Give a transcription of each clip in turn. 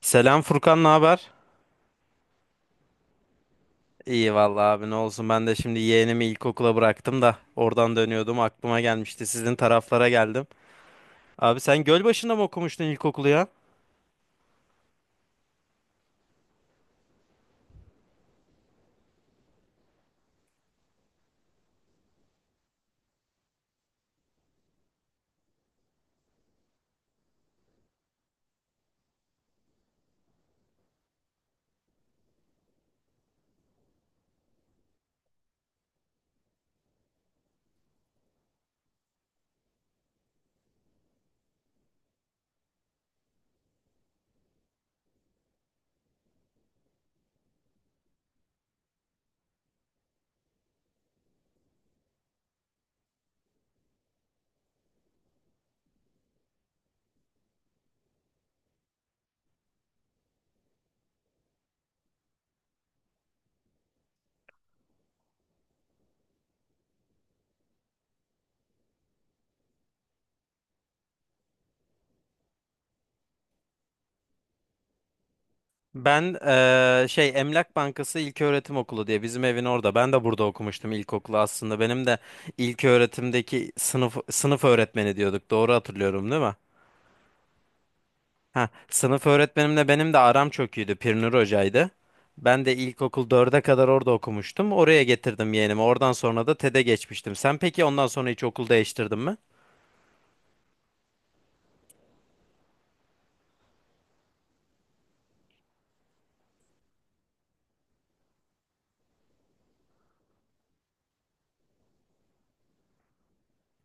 Selam Furkan, ne haber? İyi vallahi abi ne olsun ben de şimdi yeğenimi ilkokula bıraktım da oradan dönüyordum aklıma gelmişti sizin taraflara geldim. Abi sen Gölbaşı'nda mı okumuştun ilkokulu ya? Ben şey Emlak Bankası İlköğretim Okulu diye bizim evin orada. Ben de burada okumuştum ilkokulu aslında. Benim de ilköğretimdeki sınıf öğretmeni diyorduk. Doğru hatırlıyorum değil mi? Ha, sınıf öğretmenimle benim de aram çok iyiydi. Pirnur Hoca'ydı. Ben de ilkokul dörde kadar orada okumuştum. Oraya getirdim yeğenimi. Oradan sonra da TED'e geçmiştim. Sen peki ondan sonra hiç okul değiştirdin mi?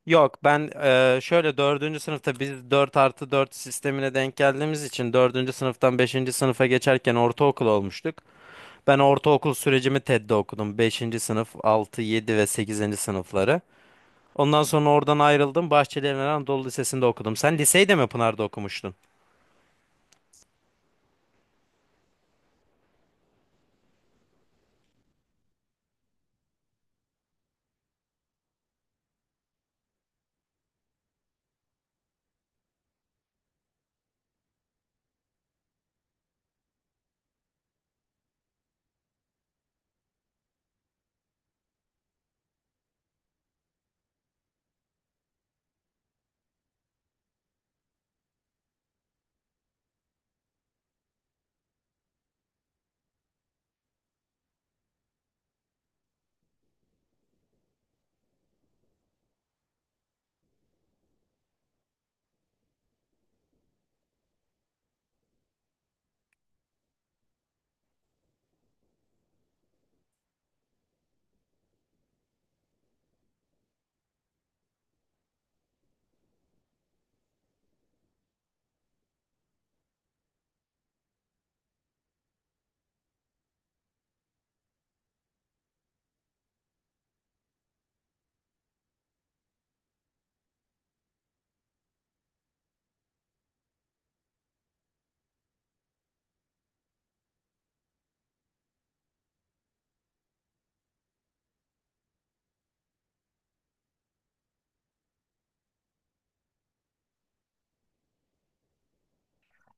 Yok ben şöyle dördüncü sınıfta biz 4 artı 4 sistemine denk geldiğimiz için dördüncü sınıftan beşinci sınıfa geçerken ortaokul olmuştuk. Ben ortaokul sürecimi TED'de okudum. Beşinci sınıf, 6 7 ve sekizinci sınıfları. Ondan sonra oradan ayrıldım. Bahçeli Evren Anadolu Lisesi'nde okudum. Sen liseyi de mi Pınar'da okumuştun?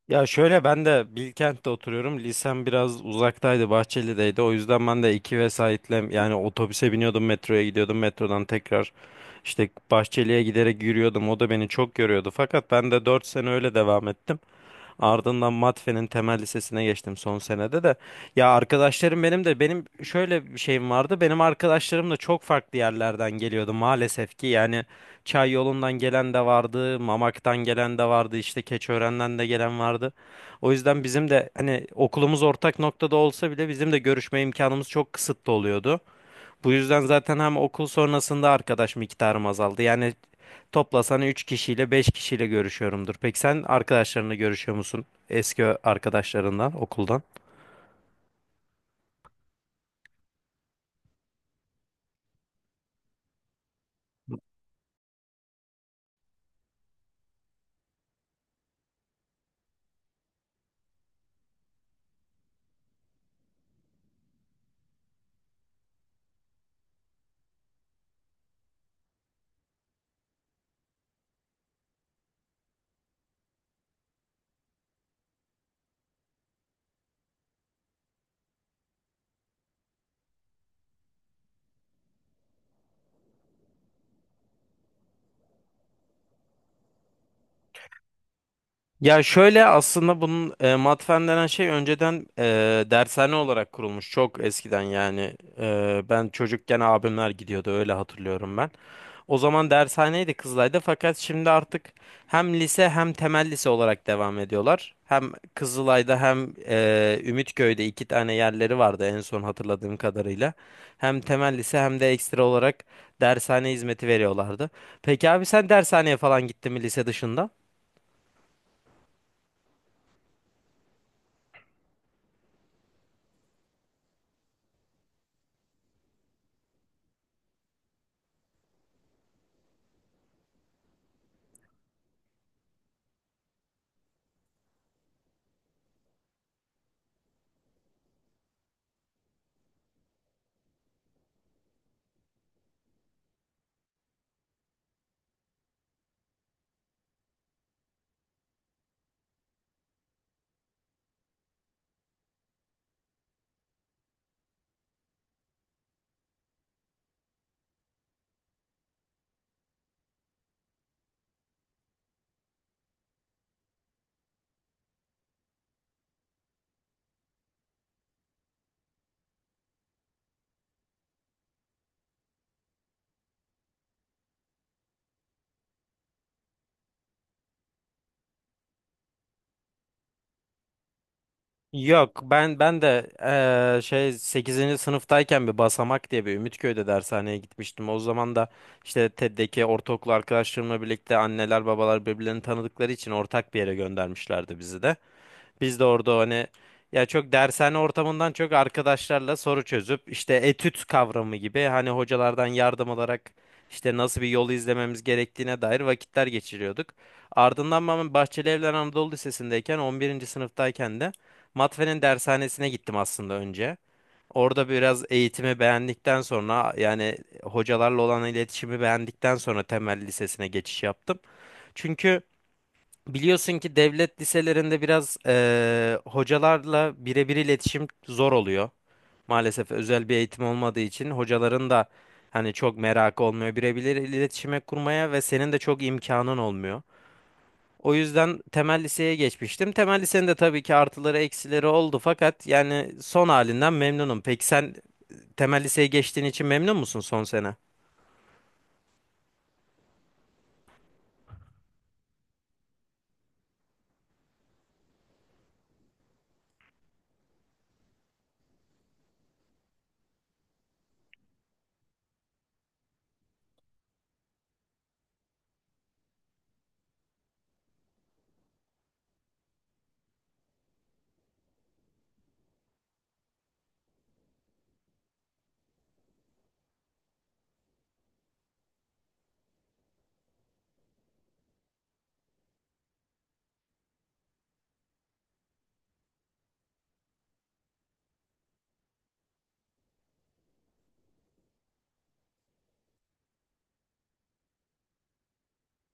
Ya şöyle ben de Bilkent'te oturuyorum. Lisem biraz uzaktaydı, Bahçeli'deydi. O yüzden ben de iki vesaitle yani otobüse biniyordum, metroya gidiyordum. Metrodan tekrar işte Bahçeli'ye giderek yürüyordum. O da beni çok yoruyordu. Fakat ben de 4 sene öyle devam ettim. Ardından Matfe'nin temel lisesine geçtim son senede de. Ya arkadaşlarım benim de benim şöyle bir şeyim vardı. Benim arkadaşlarım da çok farklı yerlerden geliyordu maalesef ki. Yani Çay yolundan gelen de vardı, Mamak'tan gelen de vardı, işte Keçiören'den de gelen vardı. O yüzden bizim de hani okulumuz ortak noktada olsa bile bizim de görüşme imkanımız çok kısıtlı oluyordu. Bu yüzden zaten hem okul sonrasında arkadaş miktarım azaldı. Yani toplasan 3 kişiyle 5 kişiyle görüşüyorumdur. Peki sen arkadaşlarını görüşüyor musun? Eski arkadaşlarından, okuldan? Ya şöyle aslında bunun matfen denen şey önceden dershane olarak kurulmuş çok eskiden yani ben çocukken abimler gidiyordu öyle hatırlıyorum ben. O zaman dershaneydi Kızılay'da fakat şimdi artık hem lise hem temel lise olarak devam ediyorlar. Hem Kızılay'da hem Ümitköy'de iki tane yerleri vardı en son hatırladığım kadarıyla. Hem temel lise hem de ekstra olarak dershane hizmeti veriyorlardı. Peki abi sen dershaneye falan gittin mi lise dışında? Yok ben de şey sekizinci sınıftayken bir Basamak diye bir Ümitköy'de dershaneye gitmiştim. O zaman da işte TED'deki ortaokul arkadaşlarımla birlikte anneler babalar birbirlerini tanıdıkları için ortak bir yere göndermişlerdi bizi de. Biz de orada hani ya çok dershane ortamından çok arkadaşlarla soru çözüp işte etüt kavramı gibi hani hocalardan yardım alarak işte nasıl bir yolu izlememiz gerektiğine dair vakitler geçiriyorduk. Ardından ben Bahçeli Evler Anadolu Lisesi'ndeyken 11. sınıftayken de Matfe'nin dershanesine gittim aslında önce. Orada biraz eğitimi beğendikten sonra yani hocalarla olan iletişimi beğendikten sonra temel lisesine geçiş yaptım. Çünkü biliyorsun ki devlet liselerinde biraz hocalarla birebir iletişim zor oluyor. Maalesef özel bir eğitim olmadığı için hocaların da hani çok merakı olmuyor birebir iletişime kurmaya ve senin de çok imkanın olmuyor. O yüzden temel liseye geçmiştim. Temel lisenin de tabii ki artıları eksileri oldu fakat yani son halinden memnunum. Peki sen temel liseye geçtiğin için memnun musun son sene?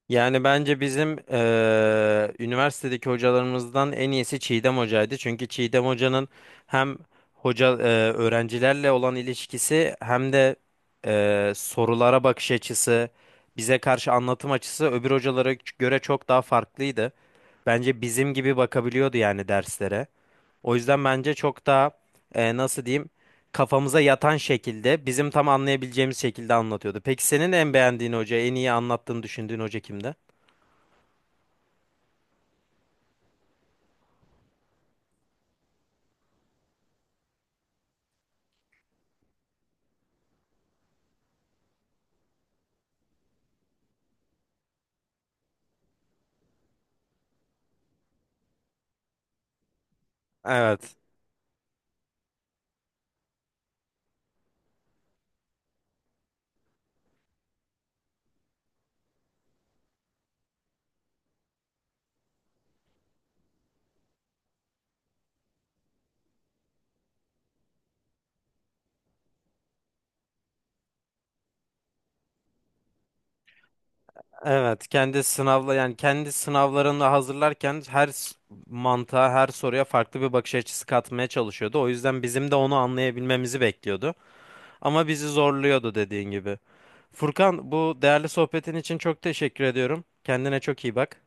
Yani bence bizim üniversitedeki hocalarımızdan en iyisi Çiğdem Hoca'ydı. Çünkü Çiğdem Hoca'nın hem hoca öğrencilerle olan ilişkisi hem de sorulara bakış açısı, bize karşı anlatım açısı öbür hocalara göre çok daha farklıydı. Bence bizim gibi bakabiliyordu yani derslere. O yüzden bence çok daha nasıl diyeyim kafamıza yatan şekilde bizim tam anlayabileceğimiz şekilde anlatıyordu. Peki senin en beğendiğin hoca, en iyi anlattığını düşündüğün hoca kimdi? Evet. Evet. Kendi sınavla yani kendi sınavlarını hazırlarken mantığa, her soruya farklı bir bakış açısı katmaya çalışıyordu. O yüzden bizim de onu anlayabilmemizi bekliyordu. Ama bizi zorluyordu dediğin gibi. Furkan, bu değerli sohbetin için çok teşekkür ediyorum. Kendine çok iyi bak.